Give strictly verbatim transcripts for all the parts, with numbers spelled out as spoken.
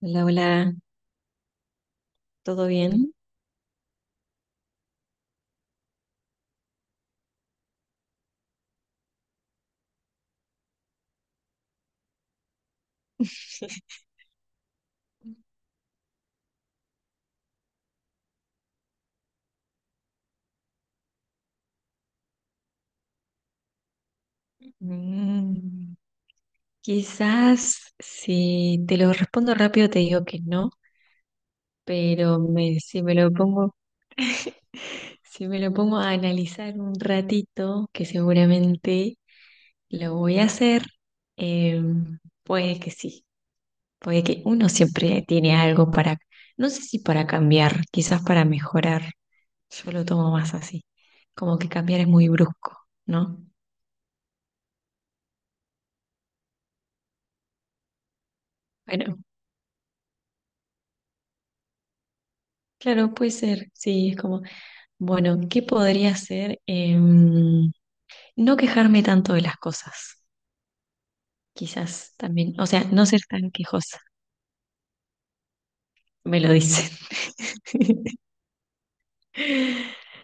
Hola, hola, ¿todo bien? Mm, Quizás si te lo respondo rápido te digo que no, pero me- si me lo pongo, si me lo pongo a analizar un ratito, que seguramente lo voy a hacer, eh, puede que sí, puede que uno siempre tiene algo para, no sé si para cambiar, quizás para mejorar, yo lo tomo más así, como que cambiar es muy brusco, ¿no? Bueno. Claro, puede ser, sí, es como, bueno, ¿qué podría hacer? Em, no quejarme tanto de las cosas, quizás también, o sea, no ser tan quejosa, me lo dicen.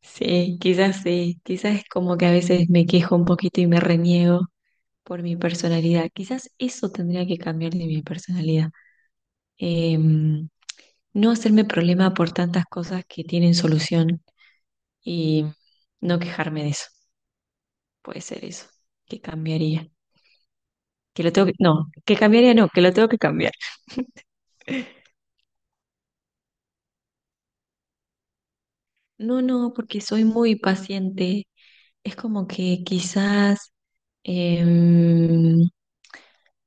Sí, quizás sí, quizás es como que a veces me quejo un poquito y me reniego por mi personalidad, quizás eso tendría que cambiar de mi personalidad. Em, no hacerme problema por tantas cosas que tienen solución y no quejarme de eso. Puede ser eso. ¿Qué cambiaría? Que lo tengo que... No, que cambiaría no, que lo tengo que cambiar. No, no, porque soy muy paciente. Es como que quizás em,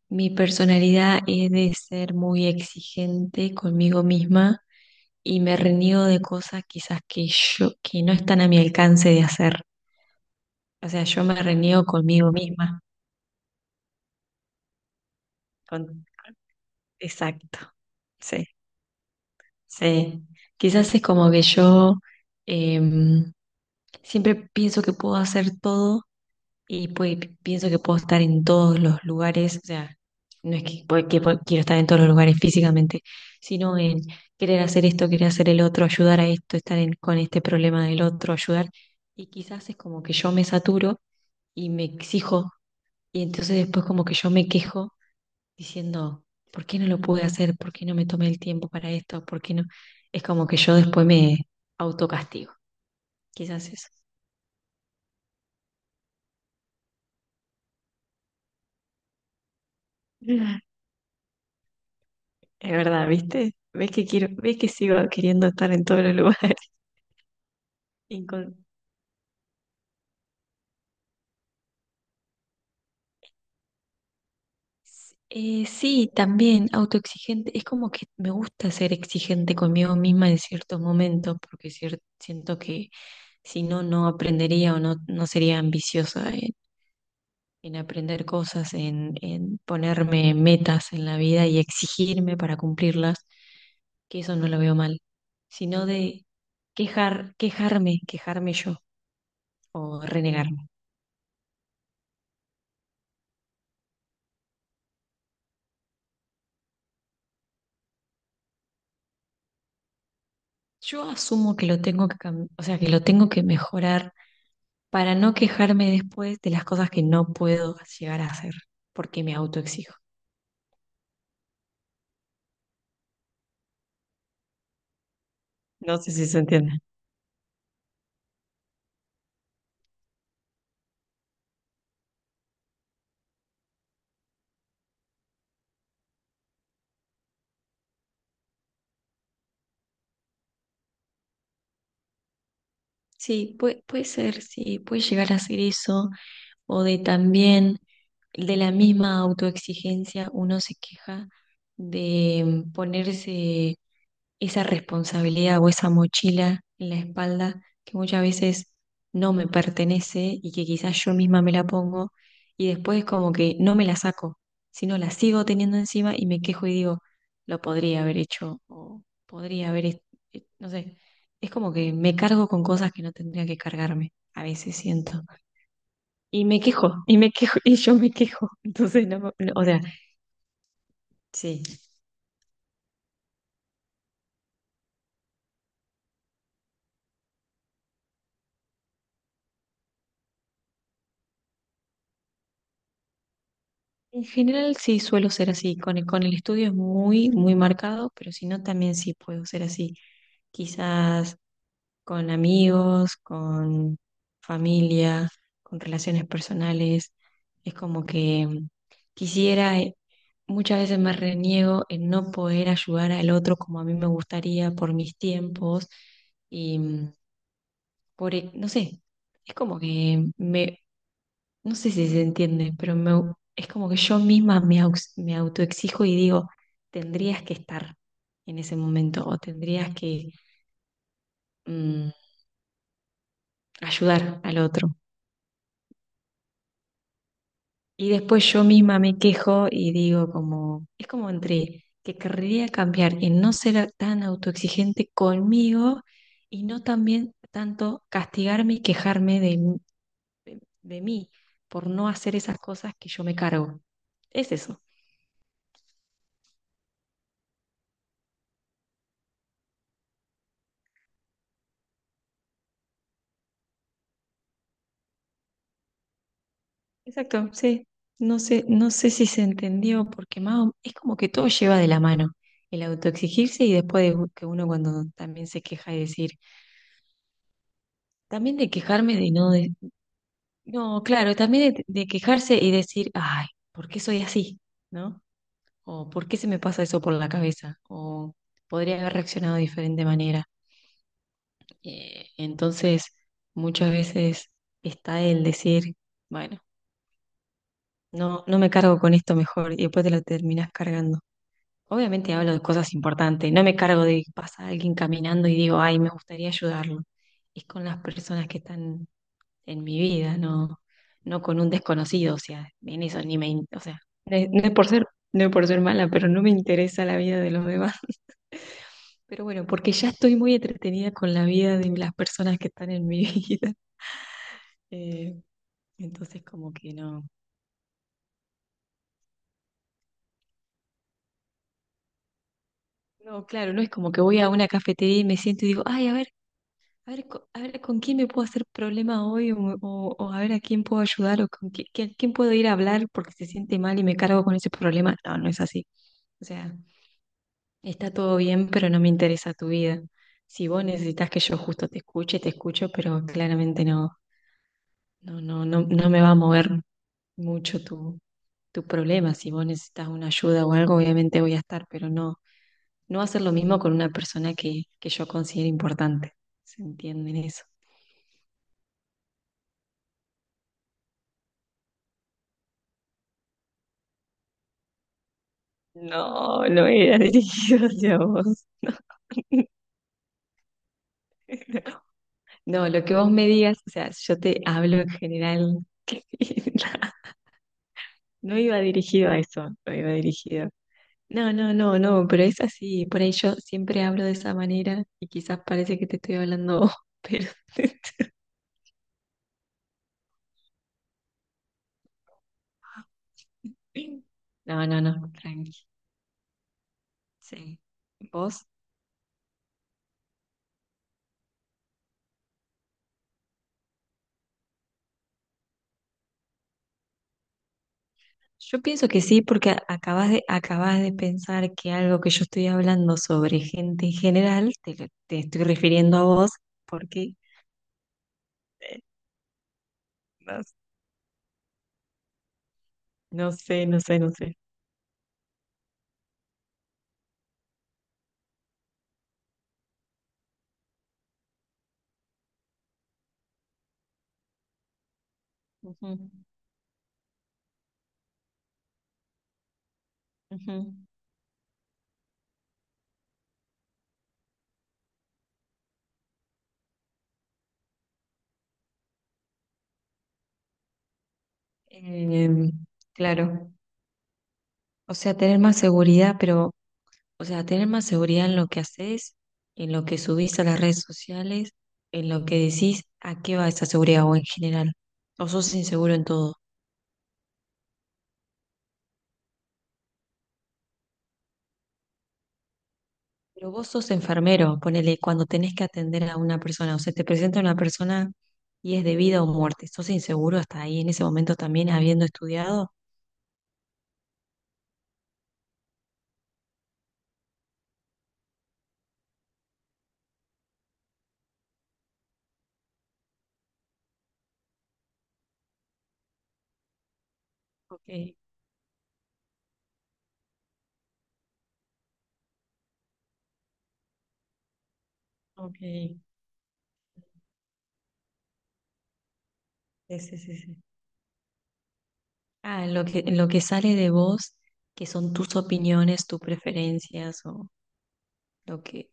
mi personalidad es de ser muy exigente conmigo misma y me reniego de cosas quizás que yo, que no están a mi alcance de hacer. O sea, yo me reniego conmigo misma. Con... Exacto. Sí. Sí, quizás es como que yo em, siempre pienso que puedo hacer todo y pues, pienso que puedo estar en todos los lugares, o sea, no es que, pu- que pu- quiero estar en todos los lugares físicamente, sino en querer hacer esto, querer hacer el otro, ayudar a esto, estar en- con este problema del otro, ayudar. Y quizás es como que yo me saturo y me exijo y entonces después como que yo me quejo diciendo, ¿por qué no lo pude hacer? ¿Por qué no me tomé el tiempo para esto? ¿Por qué no? Es como que yo después me autocastigo, quizás eso. Mm. Es verdad, ¿viste? ¿Ves que quiero, ves que sigo queriendo estar en todos los lugares? Incon- Eh, sí, también autoexigente. Es como que me gusta ser exigente conmigo misma en ciertos momentos, porque cier- siento que si no, no aprendería o no, no sería ambiciosa en aprender cosas, en, en ponerme metas en la vida y exigirme para cumplirlas, que eso no lo veo mal, sino de quejar, quejarme, quejarme yo o renegarme. Yo asumo que lo tengo que cam- o sea, que lo tengo que mejorar para no quejarme después de las cosas que no puedo llegar a hacer, porque me autoexijo. No sé si se entiende. Sí, puede, puede ser, sí, puede llegar a ser eso, o de también de la misma autoexigencia uno se queja de ponerse esa responsabilidad o esa mochila en la espalda que muchas veces no me pertenece y que quizás yo misma me la pongo y después como que no me la saco, sino la sigo teniendo encima y me quejo y digo, lo podría haber hecho o podría haber, est- eh, no sé, es como que me cargo con cosas que no tendría que cargarme, a veces siento. Y me quejo, y me quejo, y yo me quejo. Entonces, no, me- no, o sea, Sí. En general sí suelo ser así. Con el, con el estudio es muy, muy marcado, pero si no, también sí puedo ser así. Quizás con amigos, con familia, con relaciones personales. Es como que mm, quisiera, eh, muchas veces me reniego en no poder ayudar al otro como a mí me gustaría por mis tiempos y mm, por, e- no sé, es como que me no sé si se entiende, pero me au- es como que yo misma me, aux- me autoexijo y digo, tendrías que estar en ese momento o tendrías que mm, ayudar al otro. Y después yo misma me quejo y digo como, es como entre que querría cambiar en no ser tan autoexigente conmigo y no también tanto castigarme y quejarme de, de mí por no hacer esas cosas que yo me cargo. Es eso. Exacto, sí. No sé, no sé si se entendió, porque más o- es como que todo lleva de la mano. El autoexigirse y después de que uno cuando también se queja y decir, también de quejarme de no, de- no, claro, también de, de quejarse y decir, ay, ¿por qué soy así? ¿No? O ¿por qué se me pasa eso por la cabeza? O podría haber reaccionado de diferente manera. Eh, entonces, muchas veces está el decir, bueno, no, no me cargo con esto mejor y después te lo terminas cargando. Obviamente hablo de cosas importantes, no me cargo de que pasa alguien caminando y digo, ay, me gustaría ayudarlo. Es con las personas que están en mi vida, no, no con un desconocido, o sea, en eso ni me, in- o sea, no es, no es por ser, no es por ser mala, pero no me interesa la vida de los demás. Pero bueno, porque ya estoy muy entretenida con la vida de las personas que están en mi vida. Eh, entonces como que no, no, claro, no es como que voy a una cafetería y me siento y digo, ay, a ver. A ver, co- a ver, ¿con quién me puedo hacer problema hoy? O, o- o a ver a quién puedo ayudar o con qui- qui- quién puedo ir a hablar porque se siente mal y me cargo con ese problema. No, no es así. O sea, está todo bien, pero no me interesa tu vida. Si vos necesitas que yo justo te escuche, te escucho, pero claramente no, no, no, no no me va a mover mucho tu, tu problema. Si vos necesitas una ayuda o algo, obviamente voy a estar, pero no, no va a ser lo mismo con una persona que, que yo considero importante. ¿Se entienden eso? No, no era dirigido hacia vos. No, no, lo que vos me digas, o sea, yo te hablo en general. No iba dirigido a eso, no iba dirigido. No, no, no, no, pero es así. Por ahí yo siempre hablo de esa manera y quizás parece que te estoy hablando, a vos, pero... No, no, no, tranqui. Sí. ¿Vos? Yo pienso que sí, porque a- acabas de, acabas de pensar que algo que yo estoy hablando sobre gente en general, te, lo- te estoy refiriendo a vos, porque eh, no, no sé, no sé, no sé. Ujú, ujú. Em, claro, o sea, tener más seguridad, pero, o sea, tener más seguridad en lo que haces, en lo que subís a las redes sociales, en lo que decís, ¿a qué va esa seguridad o en general? ¿O sos inseguro en todo? Pero vos sos enfermero, ponele, cuando tenés que atender a una persona, o sea, te presenta una persona y es de vida o muerte. ¿Sos inseguro hasta ahí en ese momento también habiendo estudiado? Ok, ok, sí, sí, sí. sí. Ah, lo que, lo que sale de vos, que son tus opiniones, tus preferencias o lo que...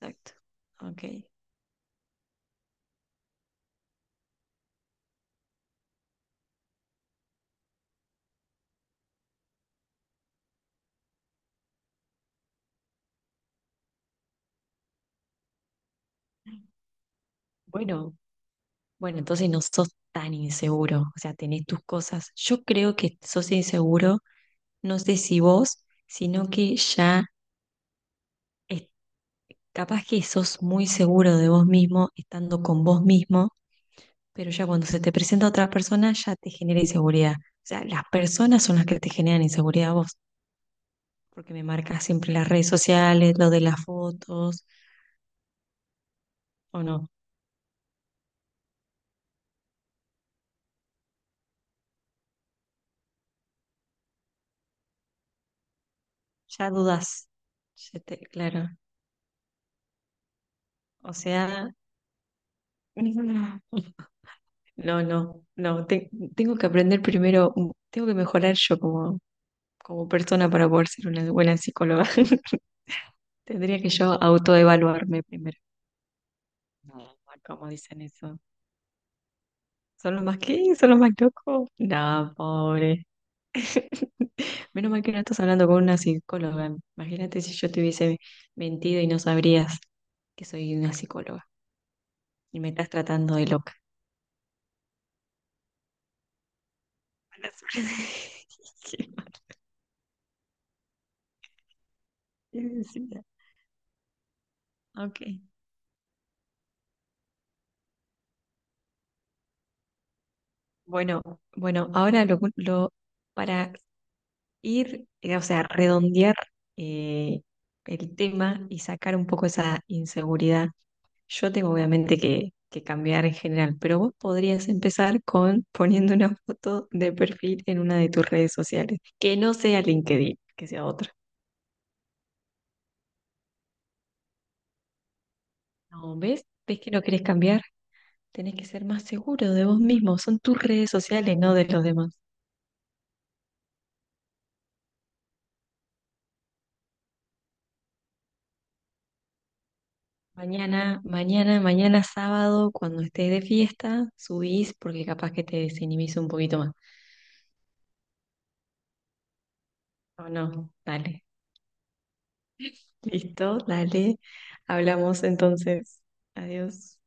Exacto. Ok. Bueno, bueno, entonces no sos tan inseguro, o sea, tenés tus cosas. Yo creo que sos inseguro, no sé si vos, sino que ya... Capaz que sos muy seguro de vos mismo estando con vos mismo, pero ya cuando se te presenta otra persona ya te genera inseguridad. O sea, las personas son las que te generan inseguridad a vos, porque me marcas siempre las redes sociales, lo de las fotos, o no. Ya dudas. Ya te- claro. O sea, no, no, no. Te- tengo que aprender primero, tengo que mejorar yo como, como persona para poder ser una buena psicóloga. Tendría que yo autoevaluarme primero. No, ¿cómo dicen eso? Son los más que, son los más locos. No, pobre. Menos mal que no estás hablando con una psicóloga. Imagínate si yo te hubiese mentido y no sabrías que soy una psicóloga y me estás tratando de loca. Mala suerte. Qué mal. Qué necesidad. Ok. Bueno, bueno, ahora lo, lo- para ir, eh, o sea, redondear eh, el tema y sacar un poco esa inseguridad. Yo tengo obviamente que, que cambiar en general, pero vos podrías empezar con poniendo una foto de perfil en una de tus redes sociales, que no sea LinkedIn, que sea otra. No, ¿ves? ¿Ves que no querés cambiar? Tenés que ser más seguro de vos mismo, son tus redes sociales, no de los demás. Mañana, mañana, mañana sábado, cuando estés de fiesta, subís porque capaz que te desinhibís un poquito más. No, no, dale. Listo, dale. Hablamos entonces. Adiós.